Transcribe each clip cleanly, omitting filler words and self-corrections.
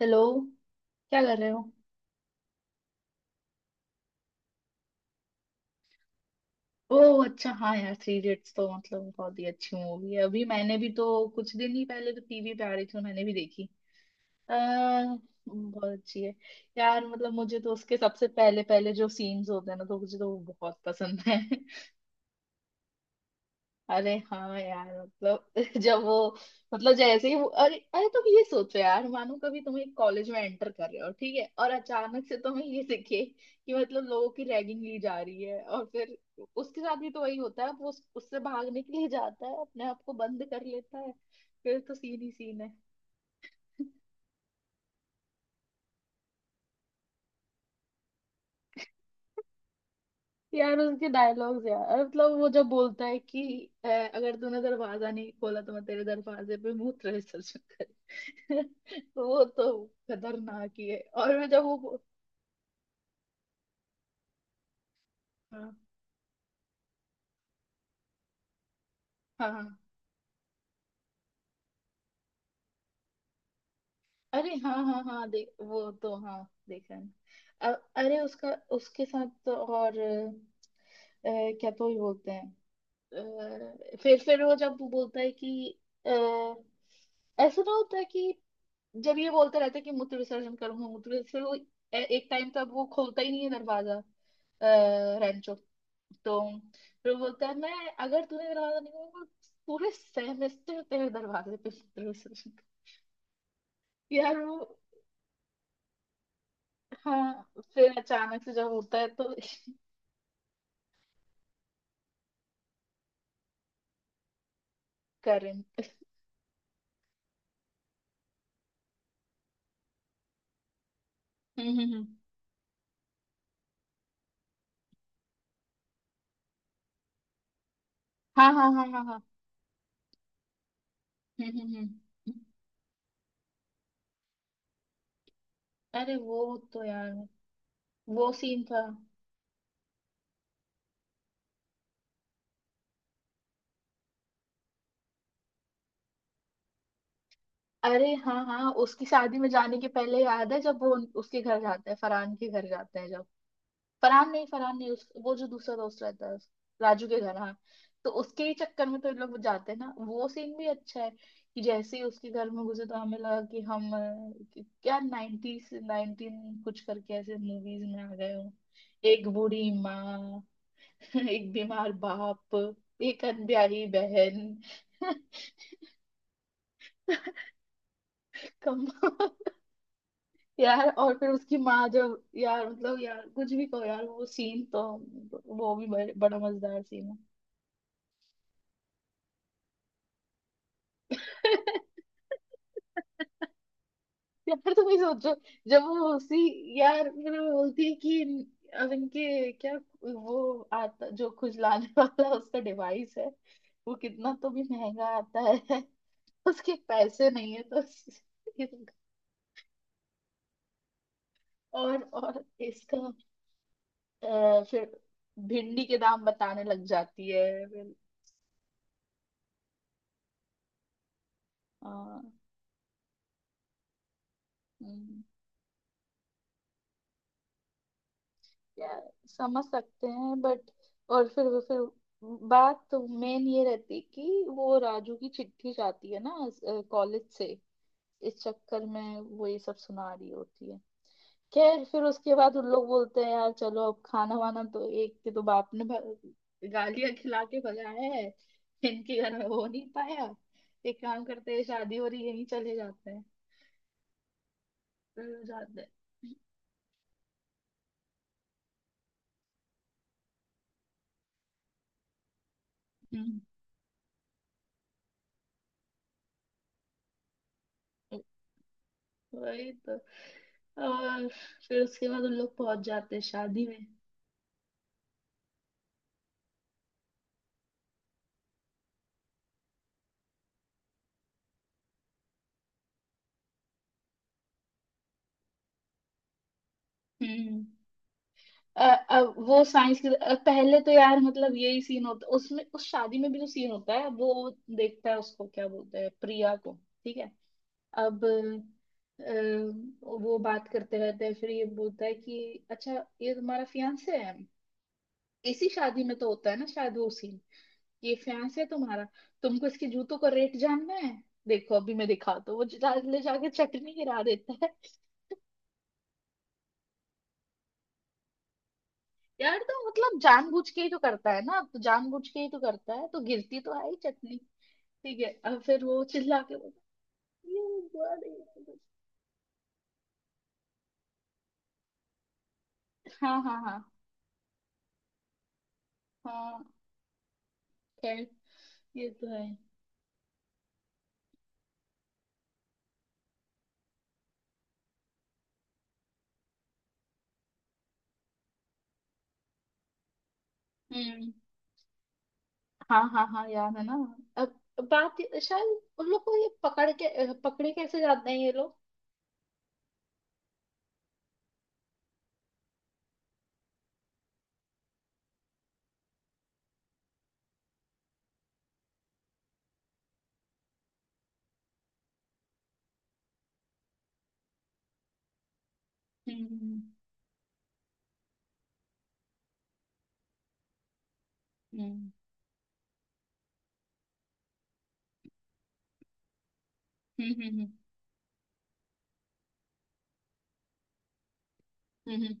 Hello, क्या कर रहे हो? ओह अच्छा, हाँ यार, थ्री इडियट्स तो मतलब बहुत ही अच्छी मूवी है। अभी मैंने भी तो कुछ दिन ही पहले तो टीवी पे आ रही थी तो मैंने भी देखी। अह बहुत अच्छी है। यार मतलब मुझे तो उसके सबसे पहले पहले जो सीन्स होते हैं ना तो मुझे तो वो बहुत पसंद है। अरे हाँ यार, मतलब जब वो, मतलब जैसे ही वो, अरे अरे तुम ये सोचो यार, मानो कभी तुम एक कॉलेज में एंटर कर रहे हो, ठीक है, और अचानक से तुम्हें ये दिखे कि मतलब लोगों की रैगिंग ली जा रही है और फिर उसके साथ भी तो वही होता है। वो उससे भागने के लिए जाता है, अपने आप को बंद कर लेता है, फिर तो सीन ही सीन है। यार उनके डायलॉग्स, यार मतलब वो जब बोलता है कि अगर तूने दरवाजा नहीं खोला तो मैं तेरे दरवाजे पे मूत्र विसर्जन कर, तो वो तो खतरनाक ही है। और मैं जब हाँ हाँ हाँ। अरे हाँ हाँ हाँ, देख वो तो हाँ देखा है। अरे उसका उसके साथ तो, और क्या तो ही बोलते हैं। फिर वो जब बोलता है कि अ, ऐसा ना होता है कि जब ये बोलते रहते कि मूत्र विसर्जन करूंगा मूत्र विसर्जन, वो एक टाइम तक वो खोलता ही नहीं है दरवाजा। रेंचो, तो फिर वो बोलता है, मैं अगर तूने दरवाजा नहीं खोला तो पूरे सेमेस्टर तेरे दरवाजे पे मूत्र विसर्जन कर-" यार वो। हाँ फिर अचानक से जब होता है तो करंट। हम्म हम्म हम्म। हाँ हाँ हाँ हाँ हाँ। हम्म हम्म हम्म। अरे वो तो यार वो सीन था। अरे हाँ हाँ, उसकी शादी में जाने के पहले याद है जब वो उसके घर जाते हैं, फरहान के घर जाते हैं। जब फरहान नहीं, फरहान नहीं, उस वो जो दूसरा दोस्त रहता है, राजू के घर। हाँ तो उसके ही चक्कर में तो इन लोग जाते हैं ना, वो सीन भी अच्छा है। कि जैसे ही उसके घर में घुसे तो हमें लगा कि हम क्या नाइनटीज नाइनटीन कुछ करके ऐसे मूवीज में आ गए हो। एक बूढ़ी माँ एक बीमार बाप, एक अनब्याही बहन कम। यार और फिर उसकी माँ जब, यार मतलब, यार कुछ भी कहो यार, वो सीन तो, वो भी बड़ा मजेदार सीन है। यार तुम ही सोचो, जब वो उसी, यार फिर वो बोलती है कि अब इनके क्या, वो आता जो खुजलाने वाला उसका डिवाइस है, वो कितना तो भी महंगा आता है, उसके पैसे नहीं है तो इस- और इसका, फिर भिंडी के दाम बताने लग जाती है। फिर आ, यार समझ सकते हैं बट, और फिर वो, फिर बात तो मेन ये रहती कि वो राजू की चिट्ठी जाती है ना कॉलेज से, इस चक्कर में वो ये सब सुना रही होती है। खैर फिर उसके बाद उन लोग बोलते हैं, यार चलो अब खाना वाना, तो एक के तो बाप ने गालियां खिला के भगाया है, इनके घर में हो नहीं पाया, एक काम करते हैं, शादी हो रही है, यहीं चले जाते हैं, चले जाते हैं। हम्म, वही तो। और फिर उसके बाद उन लोग पहुंच जाते हैं शादी में। हम्म। अ- अ- वो साइंस की, पहले तो यार मतलब यही सीन होता है उसमें, उस शादी में भी जो सीन होता है वो, देखता है उसको क्या बोलते हैं, प्रिया को, ठीक है। अब वो बात करते रहते हैं, फिर ये बोलता है कि अच्छा ये तुम्हारा फियांसे है, इसी शादी में तो होता है ना शायद वो सीन। ये फियांसे है तुम्हारा, तुमको इसके जूतों का रेट जानना है, देखो अभी मैं दिखाता हूँ। वो ले जाके चटनी गिरा देता है। यार तो मतलब जानबूझ के ही तो करता है ना, तो जानबूझ के ही तो करता है, तो गिरती तो है ही चटनी। ठीक है, अब फिर वो चिल्ला के बोलता है, "ये बुआ ने-" हाँ हाँ हाँ हाँ। खैर, ये तो है। हम्म, हाँ हाँ हाँ यार है ना। अब बात शायद उन लोग को ये पकड़ के, पकड़े कैसे जाते हैं ये लोग। हम्म हम्म हम्म हम्म हम्म,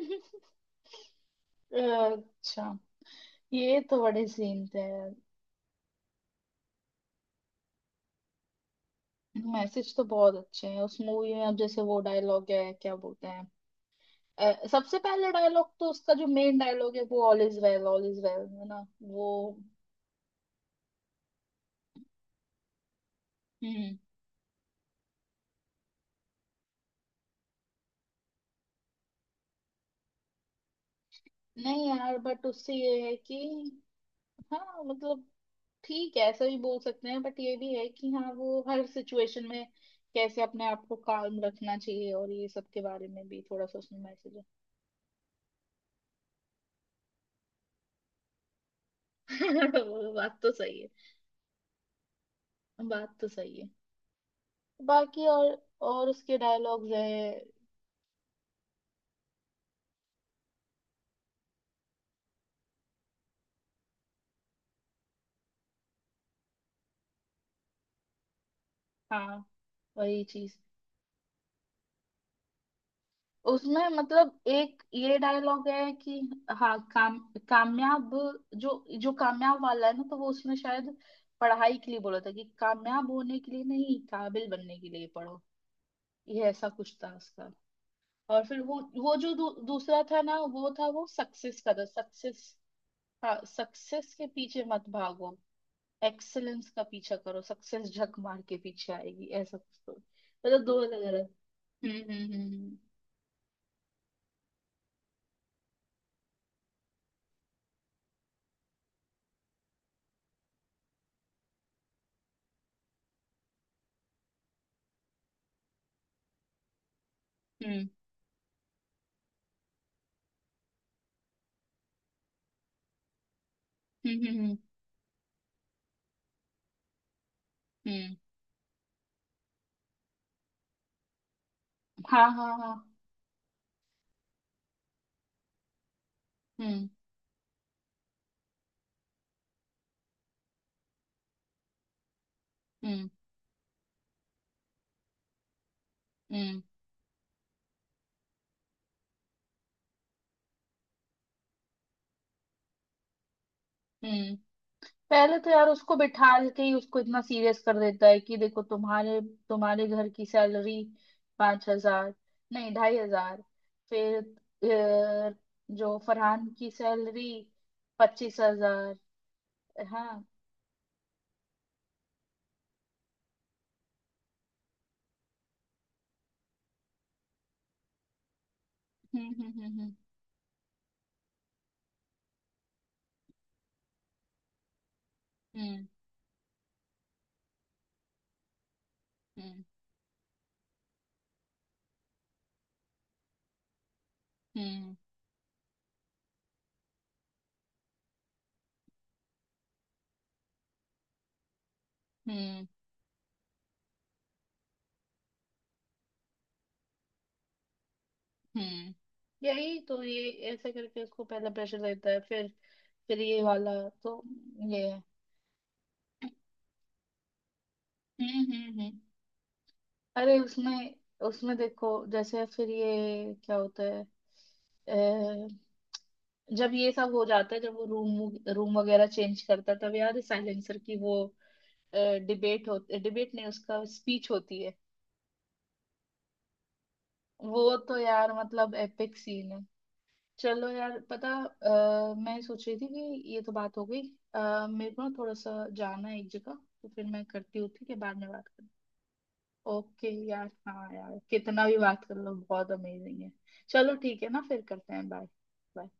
हम्म। अच्छा, ये तो बड़े सीन थे यार। मैसेज तो बहुत अच्छे हैं उस मूवी में, अब जैसे वो डायलॉग है क्या बोलते हैं, सबसे पहले डायलॉग तो उसका जो मेन डायलॉग है वो all is well, all is well, है ना वो। हम्म। नहीं यार, बट उससे ये है कि हाँ मतलब, ठीक है ऐसा भी बोल सकते हैं, बट ये भी है कि हाँ, वो हर सिचुएशन में कैसे अपने आप को काम रखना चाहिए और ये सब के बारे में भी थोड़ा सा उसमें मैसेज है। वो बात तो सही है, बात तो सही है। बाकी और उसके डायलॉग्स हैं। हाँ वही चीज उसमें मतलब एक ये डायलॉग है कि हाँ, काम, कामयाब, जो जो कामयाब वाला है ना, तो वो उसने शायद पढ़ाई के लिए बोला था कि कामयाब होने के लिए नहीं, काबिल बनने के लिए पढ़ो, ये ऐसा कुछ था उसका। और फिर वो जो दूसरा था ना, वो था वो सक्सेस का था, सक्सेस। हाँ सक्सेस के पीछे मत भागो, एक्सेलेंस का पीछा करो, सक्सेस झक मार के पीछे आएगी, ऐसा कुछ तो। मतलब दो अलग अलग। हम्म हम्म हम्म हम्म हम्म हम्म हम्म हम्म, हम्म। हाँ हाँ हाँ। हम्म हम्म हम्म हम्म। पहले तो यार उसको बिठा के ही उसको इतना सीरियस कर देता है कि देखो, तुम्हारे तुम्हारे घर की सैलरी 5,000, नहीं 2,500। फिर अ, जो फरहान की सैलरी 25,000। हाँ। हम्म हम्म हम्म हम्म हम्म हम्म हम्म हम्म हम्म। यही तो, ये ऐसे करके उसको पहले प्रेशर देता है, फिर ये वाला, तो ये है। हम्म। अरे उसमें उसमें देखो जैसे फिर ये क्या होता है, अ, जब ये सब हो जाता है, जब वो रूम रूम वगैरह चेंज करता है, तब याद है साइलेंसर की वो डिबेट होती, डिबेट नहीं उसका स्पीच होती है। वो तो यार मतलब एपिक सीन है। चलो यार, पता, मैं सोच रही थी कि ये तो बात हो गई। मेरे को ना थोड़ा सा जाना है एक जगह, तो फिर मैं करती हूँ, ठीक है, बाद में बात करते हैं। ओके यार, हाँ यार, कितना भी बात कर लो बहुत अमेजिंग है। चलो ठीक है ना, फिर करते हैं। Bye, bye.